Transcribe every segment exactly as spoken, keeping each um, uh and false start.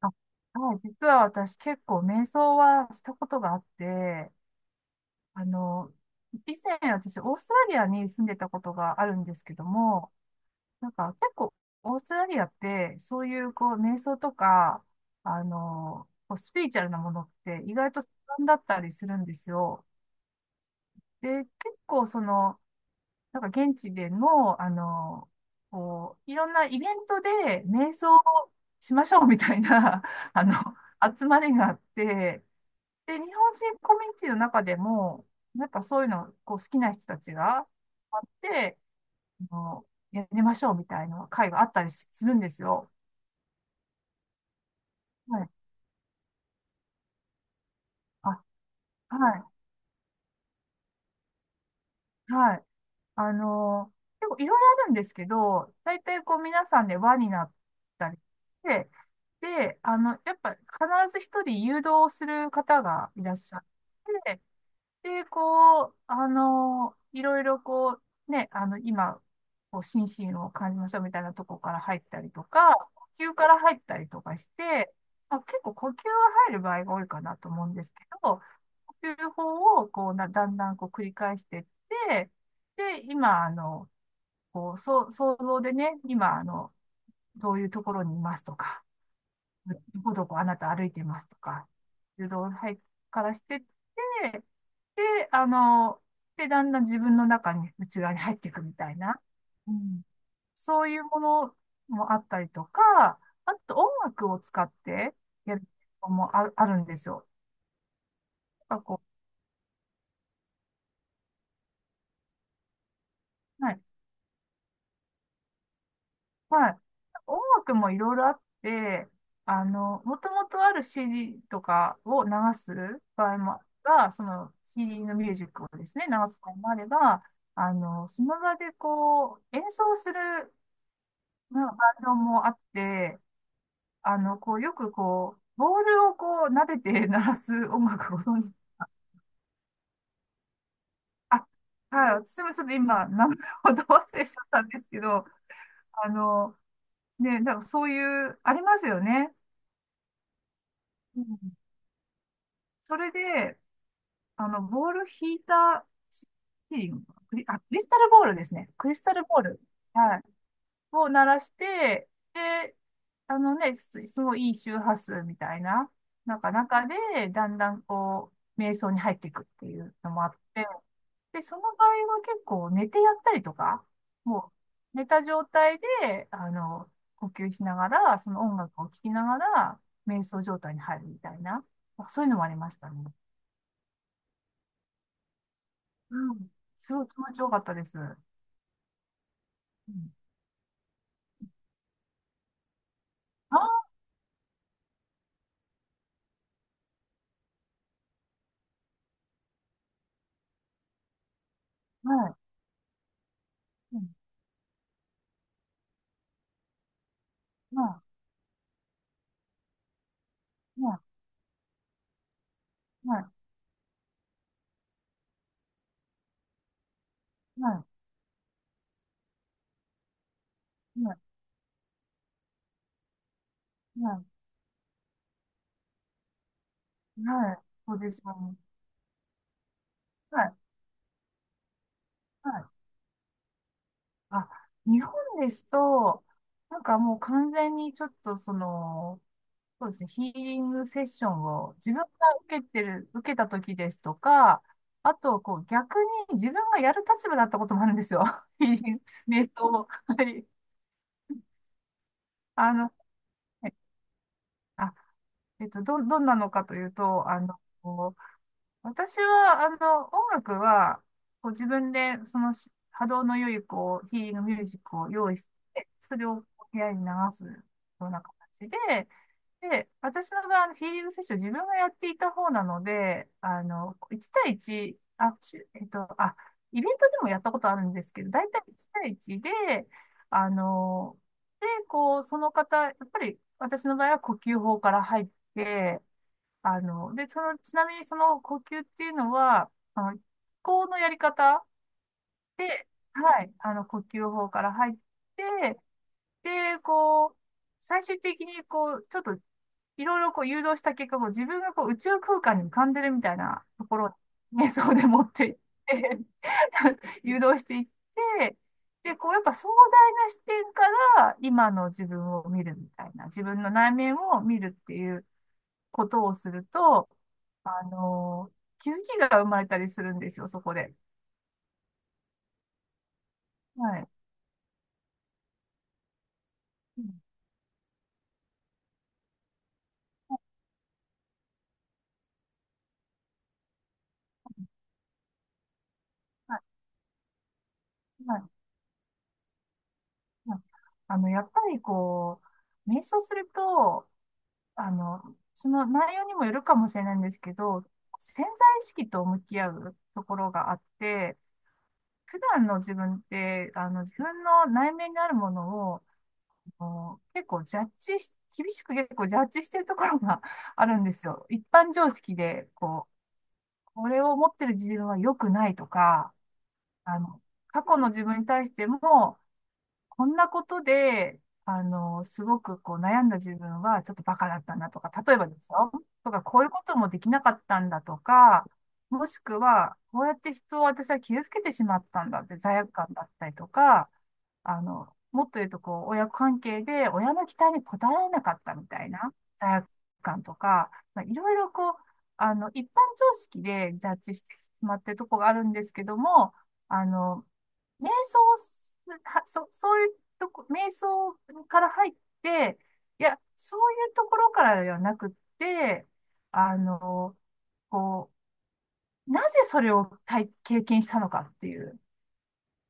あはい、実は私結構瞑想はしたことがあって、あの、以前私オーストラリアに住んでたことがあるんですけども、なんか結構オーストラリアってそういうこう瞑想とか、あの、こうスピリチュアルなものって意外と盛んだったりするんですよ。で、結構その、なんか現地での、あの、こう、いろんなイベントで瞑想をしましょうみたいな、あの、集まりがあって、で、日本人コミュニティの中でも、やっぱそういうのこう好きな人たちがあって、あの、やりましょうみたいな会があったりするんですよ。はい。あ、はい。はい。あの、結構いろいろあるんですけど、大体こう皆さんで輪になったりして、で、あの、やっぱ必ず一人誘導する方がいらっしゃって、で、こう、あの、いろいろこう、ね、あの、今、こう、心身を感じましょうみたいなとこから入ったりとか、呼吸から入ったりとかして、まあ、結構呼吸が入る場合が多いかなと思うんですけど、呼吸法をこうな、だんだんこう繰り返していって、で、今、あの、こう、そう、想像でね、今、あの、どういうところにいますとか、どこどこあなた歩いてますとか、誘導はからしてって、で、あの、で、だんだん自分の中に、内側に入っていくみたいな、うん、そういうものもあったりとか、あと音楽を使ってやるのもあ、あるんですよ。なんかこう、はいはい。音楽もいろいろあって、あの、もともとある シーディー とかを流す場合もあれば、その シーディー のミュージックをですね、流す場合もあれば、あの、その場でこう、演奏するまあバージョンもあって、あの、こう、よくこう、ボールをこう、撫でて鳴らす音楽をご存知、あ、はい、私もちょっと今、名前をど忘れしちゃったんですけど、あの、ね、なんかそういう、ありますよね。うん、それで、あの、ボール引いた、ヒーリンかなクリ、あ、クリスタルボールですね。クリスタルボール。はい。を鳴らして、で、あのね、すすごいいい周波数みたいな、なんか中で、だんだんこう、瞑想に入っていくっていうのもあって、で、その場合は結構寝てやったりとか、もう寝た状態で、あの、呼吸しながら、その音楽を聴きながら、瞑想状態に入るみたいな、まあそういうのもありましたね。うん。すごい気持ちよかったです。うん。ああ、はい。うん。はい。はい。はい。はい。はい。はい。はい、そうですよね。はい。はい。あ、日本ですと、なんかもう完全にちょっとその、そうですね、ヒーリングセッションを自分が受けてる、受けた時ですとか、あと、こう逆に自分がやる立場だったこともあるんですよ。ヒーリング、瞑想を。はい。あの、はい。あ、えっと、ど、どんなのかというと、あの、私は、あの、音楽は、こう自分で、そのし波動の良い、こう、ヒーリングミュージックを用意して、それを部屋に流すような形で、で、私の場合、あのヒーリングセッション自分がやっていた方なので、あの、いち対いち、あ、しゅえっと、あ、イベントでもやったことあるんですけど、大体いち対いちで、あの、で、こう、その方、やっぱり私の場合は呼吸法から入って、あの、で、その、ちなみにその呼吸っていうのは、あの、気候のやり方で、はい、あの、呼吸法から入って、で、こう、最終的に、こう、ちょっと、いろいろこう誘導した結果、こう自分がこう宇宙空間に浮かんでるみたいなところを瞑想 で持っていって 誘導していって、で、こう、やっぱ壮大な視点から、今の自分を見るみたいな、自分の内面を見るっていうことをすると、あの、気づきが生まれたりするんですよ、そこで。はい。うん、はい、はい、はい。あの、やっぱりこう、瞑想すると、あの、その内容にもよるかもしれないんですけど、潜在意識と向き合うところがあって、普段の自分って、あの、自分の内面にあるものを、あの結構ジャッジし、厳しく結構ジャッジしてるところが あるんですよ。一般常識で、こう、これを持ってる自分は良くないとか、あの、過去の自分に対しても、こんなことで、あの、すごくこう悩んだ自分はちょっとバカだったんだとか、例えばですよ。とか、こういうこともできなかったんだとか、もしくは、こうやって人を私は傷つけてしまったんだって罪悪感だったりとか、あの、もっと言うとこう、親子関係で親の期待に応えられなかったみたいな罪悪感とか、まあ、いろいろこう、あの、一般常識でジャッジしてしまってるとこがあるんですけども、あの、瞑想をす、は、そ、そういうとこ、瞑想から入って、いや、そういうところからではなくって、あの、こう、なぜそれを体、経験したのかっていう。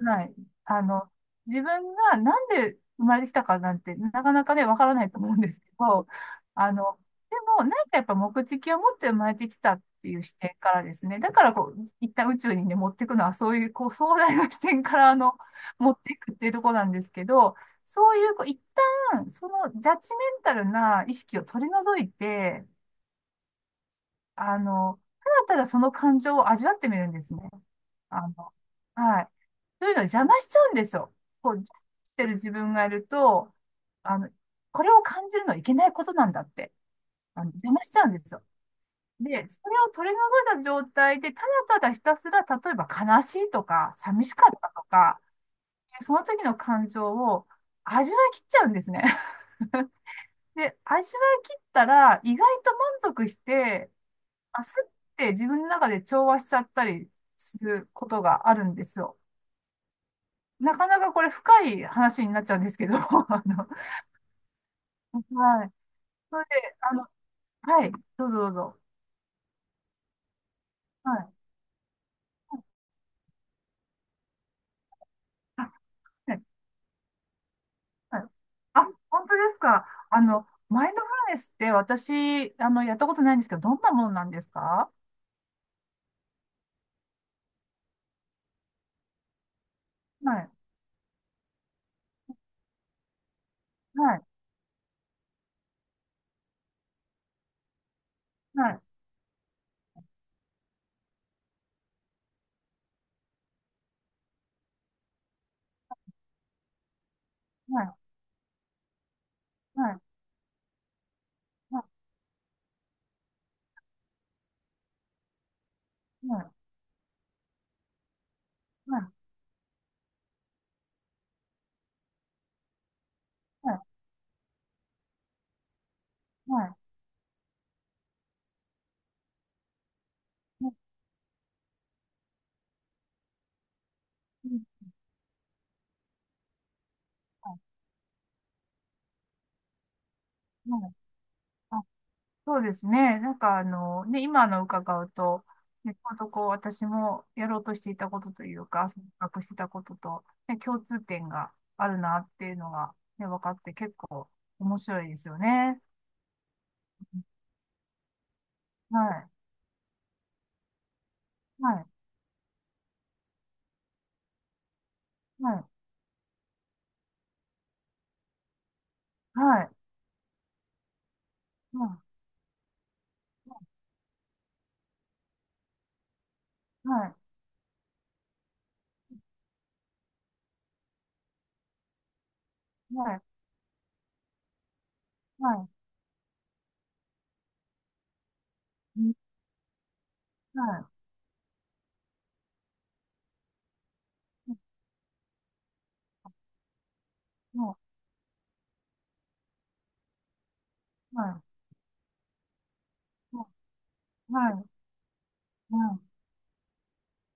はい。あの、自分がなんで生まれてきたかなんて、なかなかね、わからないと思うんですけど、あの、でも、何かやっぱ目的を持って生まれてきたっていう視点からですね、だからこう、一旦宇宙にね、持っていくのは、そういう、こう、壮大な視点から、あの、持っていくっていうところなんですけど、そういう、こう、一旦、そのジャッジメンタルな意識を取り除いて、あの、ただただその感情を味わってみるんですね。あの、はい。というのは邪魔しちゃうんですよ。こう、邪魔してる自分がいると、あの、これを感じるのはいけないことなんだって、あの、邪魔しちゃうんですよ。で、それを取り除いた状態で、ただただひたすら、例えば悲しいとか、寂しかったとか、その時の感情を味わい切っちゃうんですね。で、味わい切ったら、意外と満足して、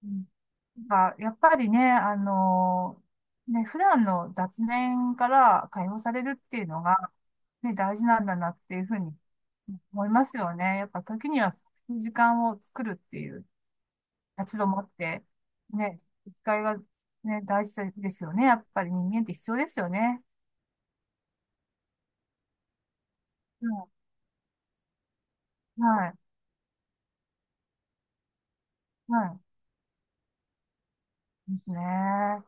うん、なんか、やっぱりね、あのね、普段の雑念から解放されるっていうのが、ね、大事なんだなっていうふうに思いますよね。やっぱ時にはそういう時間を作るっていう立ち止まって、ね、機会が、ね、大事ですよね。やっぱり人間って必要ですよね。うん、はい、はい、ですね。